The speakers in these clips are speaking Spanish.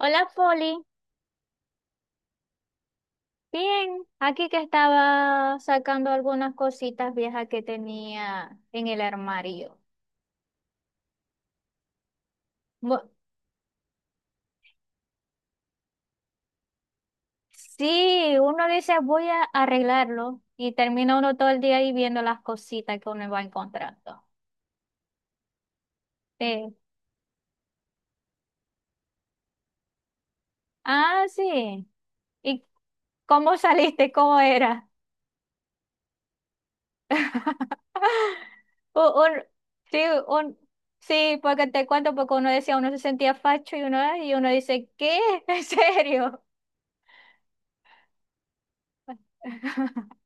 Hola, Folly. Bien, aquí que estaba sacando algunas cositas viejas que tenía en el armario. Bu- sí, uno dice voy a arreglarlo y termina uno todo el día ahí viendo las cositas que uno va encontrando. Eh, ah, sí. ¿Y cómo saliste? ¿Cómo era? Un- un- sí, un- sí, porque te cuento, porque uno decía, uno se sentía facho y uno dice, ¿qué? ¿En serio?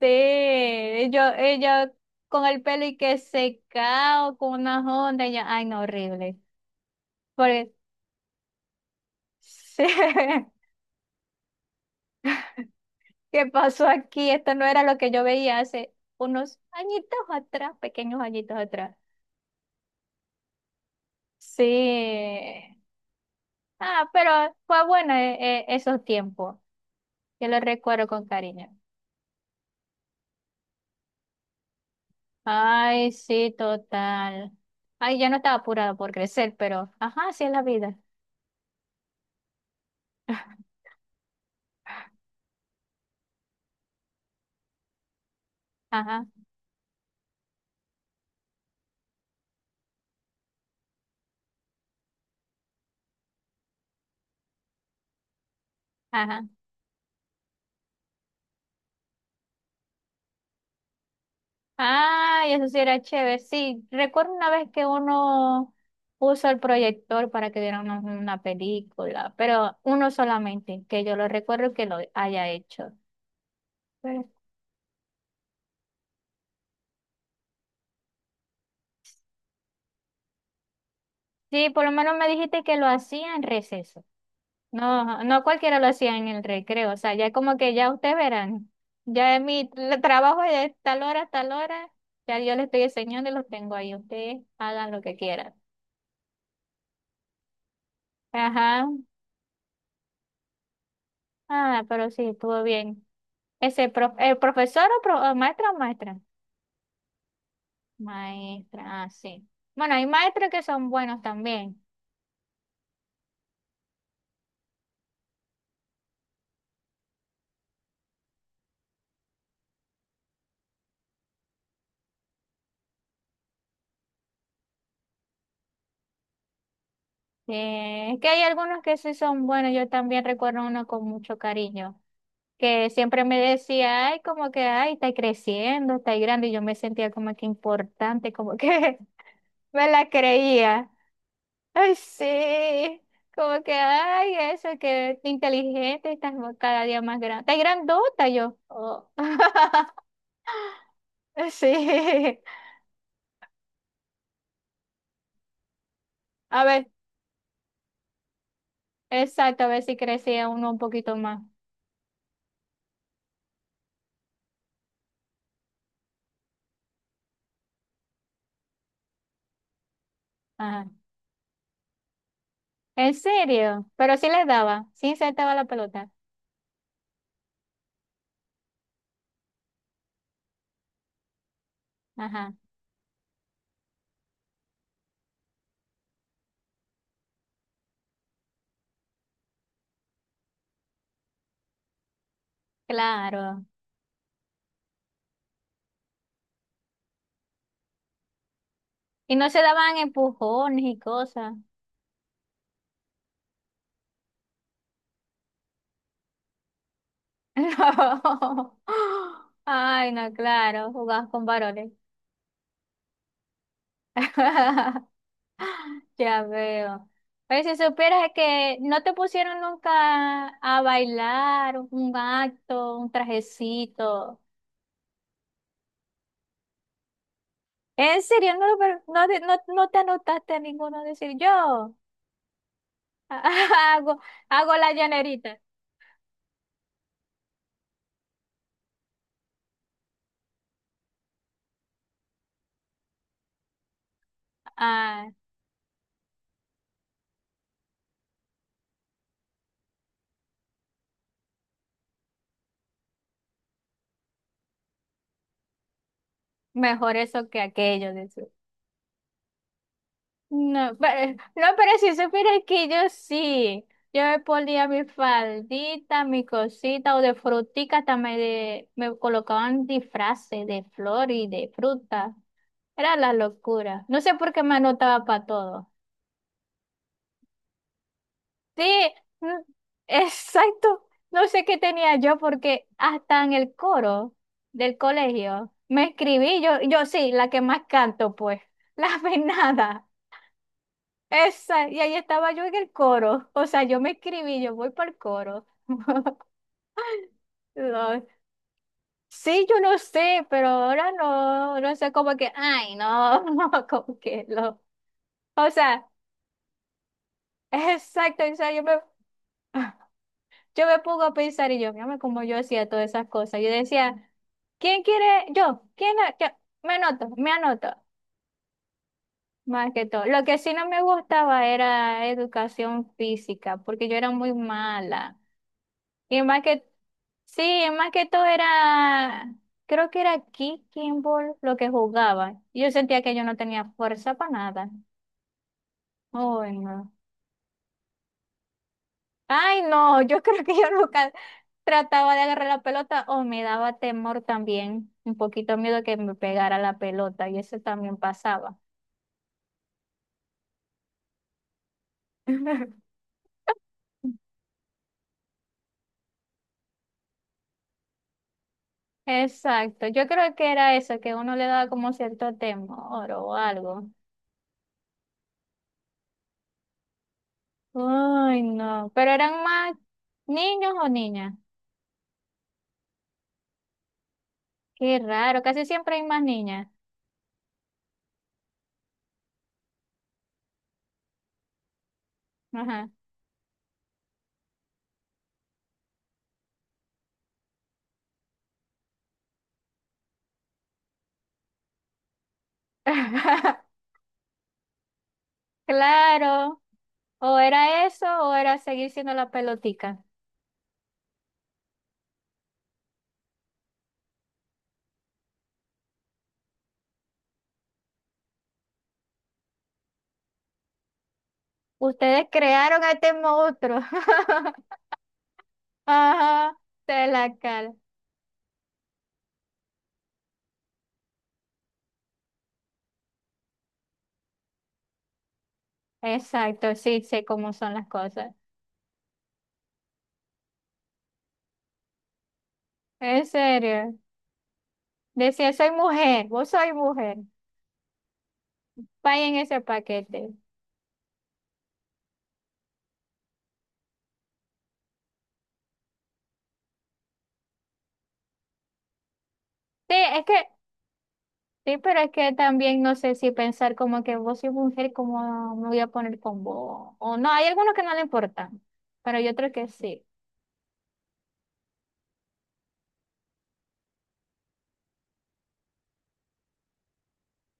Sí, yo, ella con el pelo y que secado, con unas ondas, y yo, ay, no, horrible. Porque, sí, ¿qué pasó aquí? Esto no era lo que yo veía hace unos añitos atrás, pequeños añitos atrás. Sí. Ah, pero fue bueno esos tiempos. Yo los recuerdo con cariño. Ay, sí, total. Ay, ya no estaba apurada por crecer, pero, ajá, así es la vida. Ajá, ajá. Ay, eso sí era chévere. Sí, recuerdo una vez que uno puso el proyector para que vieran una película, pero uno solamente, que yo lo recuerdo que lo haya hecho. Pero sí, por lo menos me dijiste que lo hacía en receso. No, no cualquiera lo hacía en el recreo. O sea, ya como que ya ustedes verán. Ya es mi trabajo es de tal hora a tal hora. Ya yo les estoy enseñando y los tengo ahí. Ustedes hagan lo que quieran. Ajá. Ah, pero sí, estuvo bien. Ese el profesor o o maestra o maestra. Maestra, ah, sí. Bueno, hay maestros que son buenos también. Es que hay algunos que sí son buenos. Yo también recuerdo uno con mucho cariño, que siempre me decía, ay, como que, ay, está creciendo, está grande. Y yo me sentía como que importante, como que me la creía. Ay, sí. Como que, ay, eso, que inteligente, estás cada día más grande. Estás grandota yo. Oh. Sí. A ver, exacto, a ver si crecía uno un poquito más. Ajá. ¿En serio? Pero sí les daba, sí insertaba la pelota. Ajá, claro. Y no se daban empujones y cosas. No. Ay, no, claro, jugabas con varones. Ya veo. Pero si supieras que no te pusieron nunca a bailar, un acto, un trajecito. ¿En serio? No, pero no, no, no te anotaste a ninguno a decir yo. Hago, hago la llanerita. Ah, mejor eso que aquello. Dice. No, pero, no, pero si supieras que yo sí. Yo me ponía mi faldita, mi cosita o de frutica, hasta me, me colocaban disfraces de flor y de fruta. Era la locura. No sé por qué me anotaba para todo. Sí, mm, exacto. No sé qué tenía yo porque hasta en el coro del colegio me escribí, yo sí, la que más canto, pues, la venada. Esa, y ahí estaba yo en el coro. O sea, yo me escribí, yo voy para el coro. No, Sí, yo no sé, pero ahora no, no sé, como que, ay, no, como que lo. O sea, exacto, o sea, yo me. Yo me pongo a pensar y yo, mírame como yo hacía todas esas cosas. Yo decía, ¿quién quiere? Yo, ¿quién? ¿Yo? Me anoto, más que todo. Lo que sí no me gustaba era educación física, porque yo era muy mala. Y más que, sí, y más que todo era, creo que era kicking ball lo que jugaba. Yo sentía que yo no tenía fuerza para nada. Ay, no. Ay, no, yo creo que yo nunca trataba de agarrar la pelota o me daba temor también, un poquito miedo que me pegara la pelota y eso también pasaba. Exacto, yo creo que era eso, que uno le daba como cierto temor o algo. Ay, no, pero eran más niños o niñas. Qué raro, casi siempre hay más niñas. Ajá. Claro, o era eso o era seguir siendo la pelotica. Ustedes crearon a este monstruo. Ajá, de la cal. Exacto, sí, sé cómo son las cosas. En serio. Decía, soy mujer, vos soy mujer. Vayan ese paquete. Sí, es que, sí, pero es que también no sé si pensar como que vos sois mujer, como me voy a poner con vos. O no, hay algunos que no le importan, pero yo creo que sí.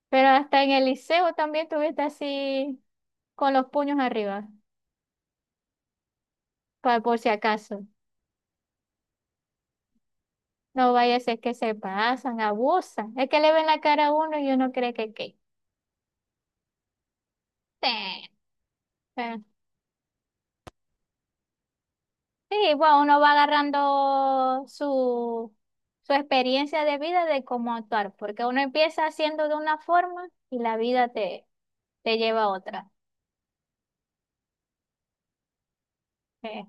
Pero hasta en el liceo también tuviste así con los puños arriba, por si acaso. No vaya a ser que se pasan, abusan. Es que le ven la cara a uno y uno cree que qué. Sí, eh, sí, bueno, uno va agarrando su, su experiencia de vida de cómo actuar, porque uno empieza haciendo de una forma y la vida te, te lleva a otra. Eh,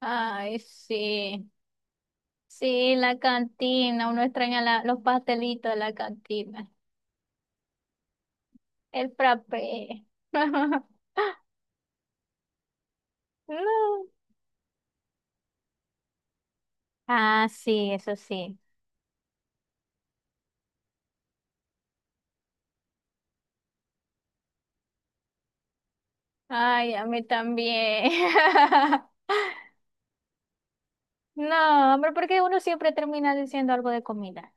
Ay, sí, sí, la cantina, uno extraña los pastelitos de la cantina, el frappé. No. Ah, sí, eso sí. Ay, a mí también. No, hombre, porque uno siempre termina diciendo algo de comida.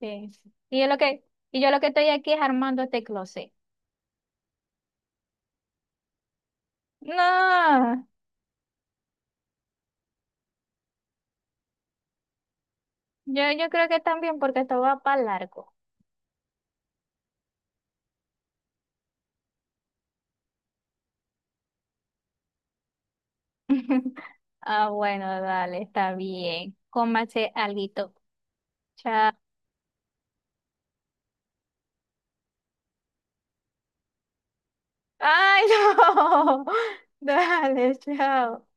Sí. Sí. Y yo lo que, y yo lo que estoy aquí es armando este closet. No, yo creo que también porque esto va para largo. Ah, bueno, dale, está bien. Cómase alguito. Chao. Ay, no. Dale, chao.